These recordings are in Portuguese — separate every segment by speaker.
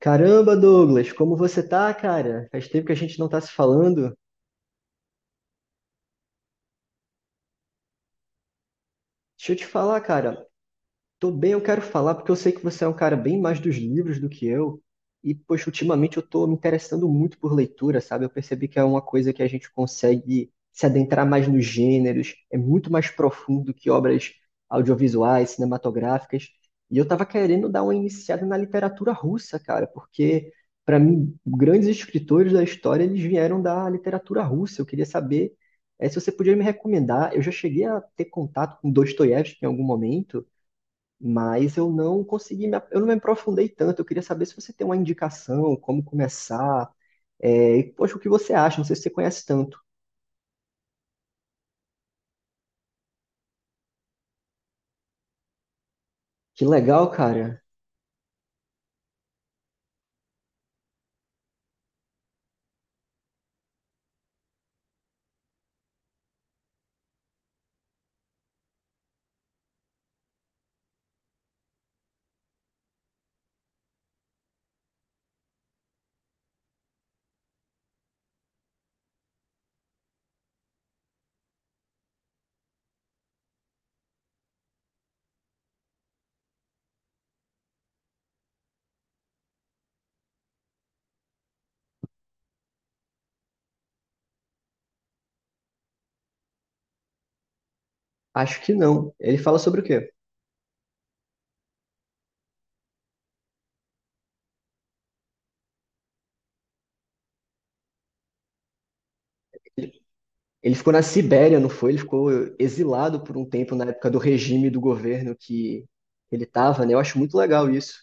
Speaker 1: Caramba, Douglas, como você tá, cara? Faz tempo que a gente não tá se falando. Deixa eu te falar, cara. Tô bem, eu quero falar porque eu sei que você é um cara bem mais dos livros do que eu. E, poxa, ultimamente eu tô me interessando muito por leitura, sabe? Eu percebi que é uma coisa que a gente consegue se adentrar mais nos gêneros, é muito mais profundo que obras audiovisuais, cinematográficas. E eu tava querendo dar uma iniciada na literatura russa, cara, porque, para mim, grandes escritores da história, eles vieram da literatura russa. Eu queria saber, se você podia me recomendar. Eu já cheguei a ter contato com Dostoiévski em algum momento, mas eu não consegui, eu não me aprofundei tanto. Eu queria saber se você tem uma indicação, como começar, poxa, o que você acha? Não sei se você conhece tanto. Que legal, cara. Acho que não. Ele fala sobre o quê? Ele ficou na Sibéria, não foi? Ele ficou exilado por um tempo na época do regime do governo que ele estava, né? Eu acho muito legal isso.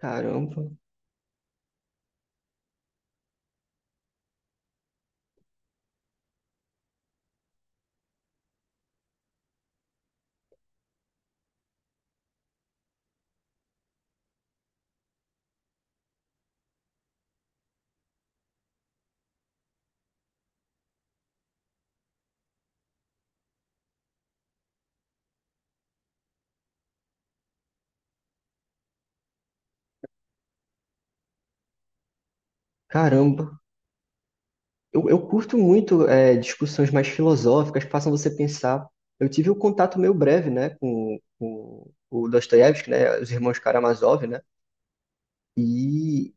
Speaker 1: Caramba, caramba. Eu curto muito discussões mais filosóficas, que façam você pensar. Eu tive um contato meio breve, né, com o Dostoiévski, né, os irmãos Karamazov, né, e,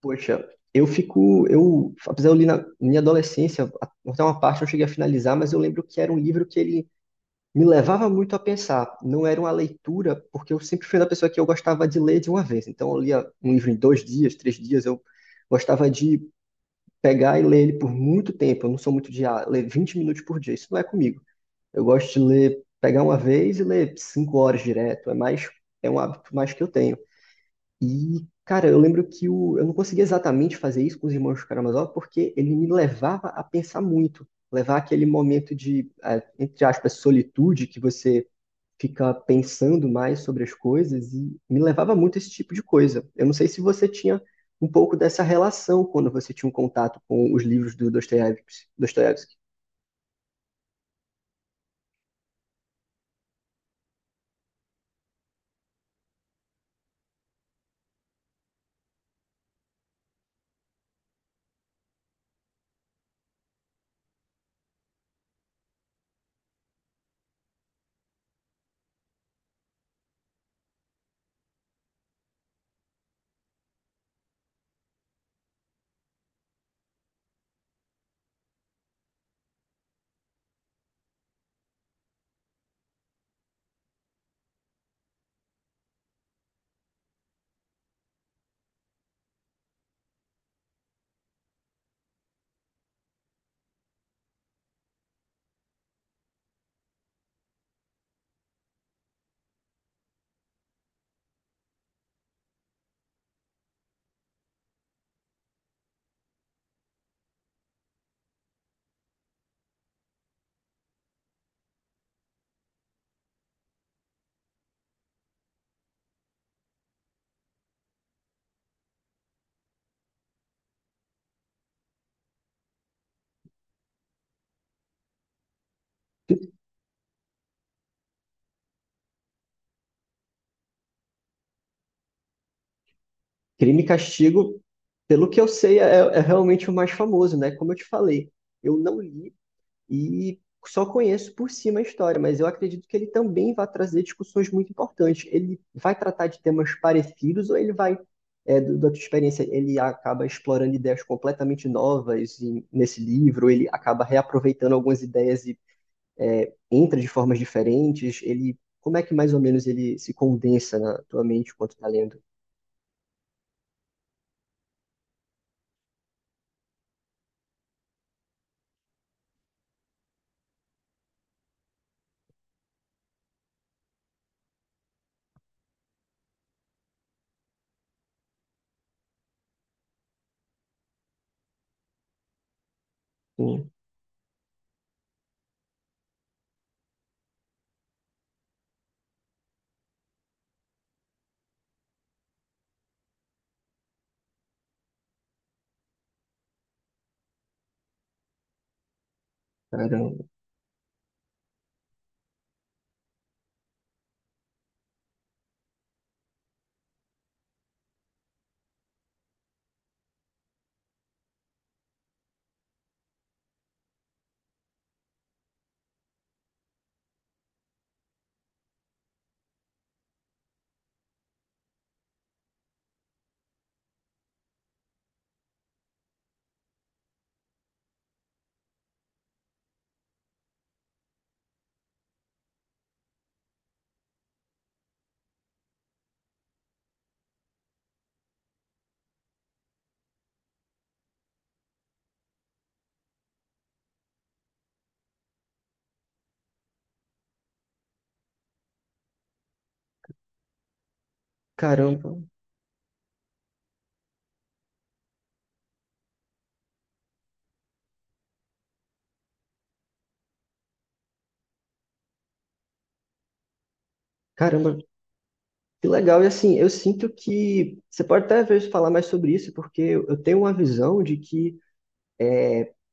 Speaker 1: poxa, apesar de eu li na minha adolescência, até uma parte eu cheguei a finalizar, mas eu lembro que era um livro que ele me levava muito a pensar. Não era uma leitura, porque eu sempre fui uma pessoa que eu gostava de ler de uma vez. Então eu lia um livro em 2 dias, 3 dias, eu gostava de pegar e ler ele por muito tempo. Eu não sou muito de ah, ler 20 minutos por dia, isso não é comigo. Eu gosto de ler, pegar uma vez e ler 5 horas direto. É um hábito mais que eu tenho. E, cara, eu lembro que o, eu não conseguia exatamente fazer isso com os irmãos Karamazov porque ele me levava a pensar muito. Levar aquele momento de, ah, entre aspas, solitude que você ficar pensando mais sobre as coisas e me levava muito a esse tipo de coisa. Eu não sei se você tinha um pouco dessa relação quando você tinha um contato com os livros do Dostoiévski. Dostoiévski. Crime e Castigo, pelo que eu sei, é realmente o mais famoso, né? Como eu te falei, eu não li e só conheço por cima a história, mas eu acredito que ele também vai trazer discussões muito importantes. Ele vai tratar de temas parecidos ou ele vai, é, do- da tua experiência, ele acaba explorando ideias completamente novas nesse livro, ele acaba reaproveitando algumas ideias e entra de formas diferentes, ele, como é que mais ou menos ele se condensa na tua mente enquanto tá lendo? Hum, Caramba, caramba, caramba. Que legal, e assim, eu sinto que você pode até às vezes falar mais sobre isso, porque eu tenho uma visão de que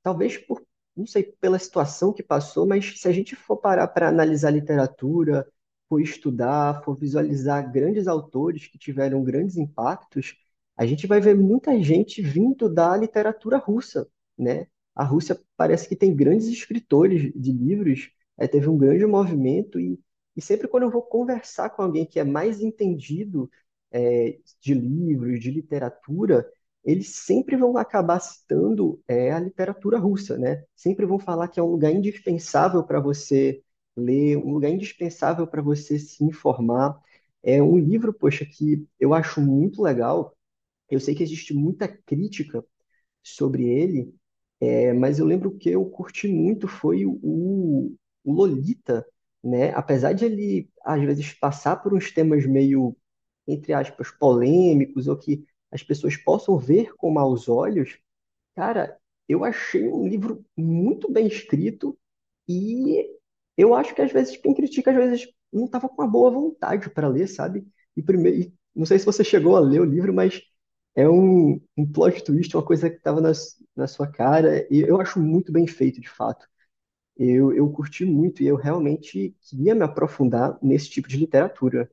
Speaker 1: talvez por, não sei, pela situação que passou, mas se a gente for parar para analisar literatura, for estudar, for visualizar grandes autores que tiveram grandes impactos, a gente vai ver muita gente vindo da literatura russa, né? A Rússia parece que tem grandes escritores de livros, teve um grande movimento e sempre quando eu vou conversar com alguém que é mais entendido, de livros, de literatura, eles sempre vão acabar citando a literatura russa, né? Sempre vão falar que é um lugar indispensável para você ler, um lugar indispensável para você se informar. É um livro, poxa, que eu acho muito legal. Eu sei que existe muita crítica sobre ele, mas eu lembro que eu curti muito foi o Lolita, né? Apesar de ele, às vezes, passar por uns temas meio, entre aspas, polêmicos, ou que as pessoas possam ver com maus olhos, cara, eu achei um livro muito bem escrito e eu acho que às vezes quem critica, às vezes não estava com uma boa vontade para ler, sabe? E primeiro, e não sei se você chegou a ler o livro, mas é um plot twist, uma coisa que estava na sua cara, e eu acho muito bem feito, de fato. Eu curti muito e eu realmente queria me aprofundar nesse tipo de literatura.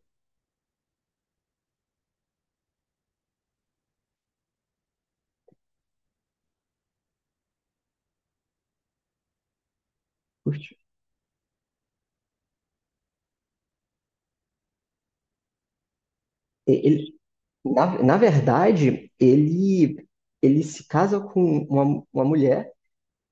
Speaker 1: Curti. Ele, na verdade, ele se casa com uma mulher,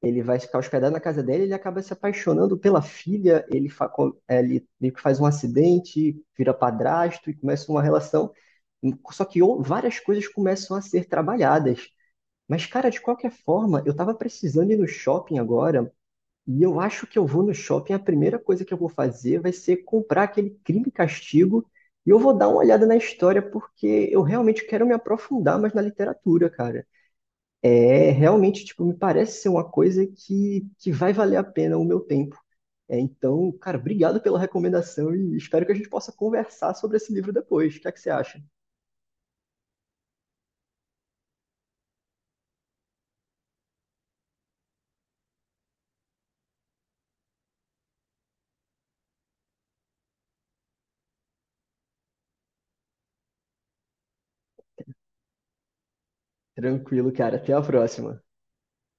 Speaker 1: ele vai ficar hospedado na casa dela, ele acaba se apaixonando pela filha, ele, fa com- é, ele meio que faz um acidente, vira padrasto e começa uma relação. Várias coisas começam a ser trabalhadas. Mas, cara, de qualquer forma, eu tava precisando ir no shopping agora, e eu acho que eu vou no shopping, a primeira coisa que eu vou fazer vai ser comprar aquele Crime e Castigo, e eu vou dar uma olhada na história, porque eu realmente quero me aprofundar mais na literatura, cara. É, realmente, tipo, me parece ser uma coisa que vai valer a pena o meu tempo. É, então, cara, obrigado pela recomendação e espero que a gente possa conversar sobre esse livro depois. O que é que você acha? Tranquilo, cara. Até a próxima.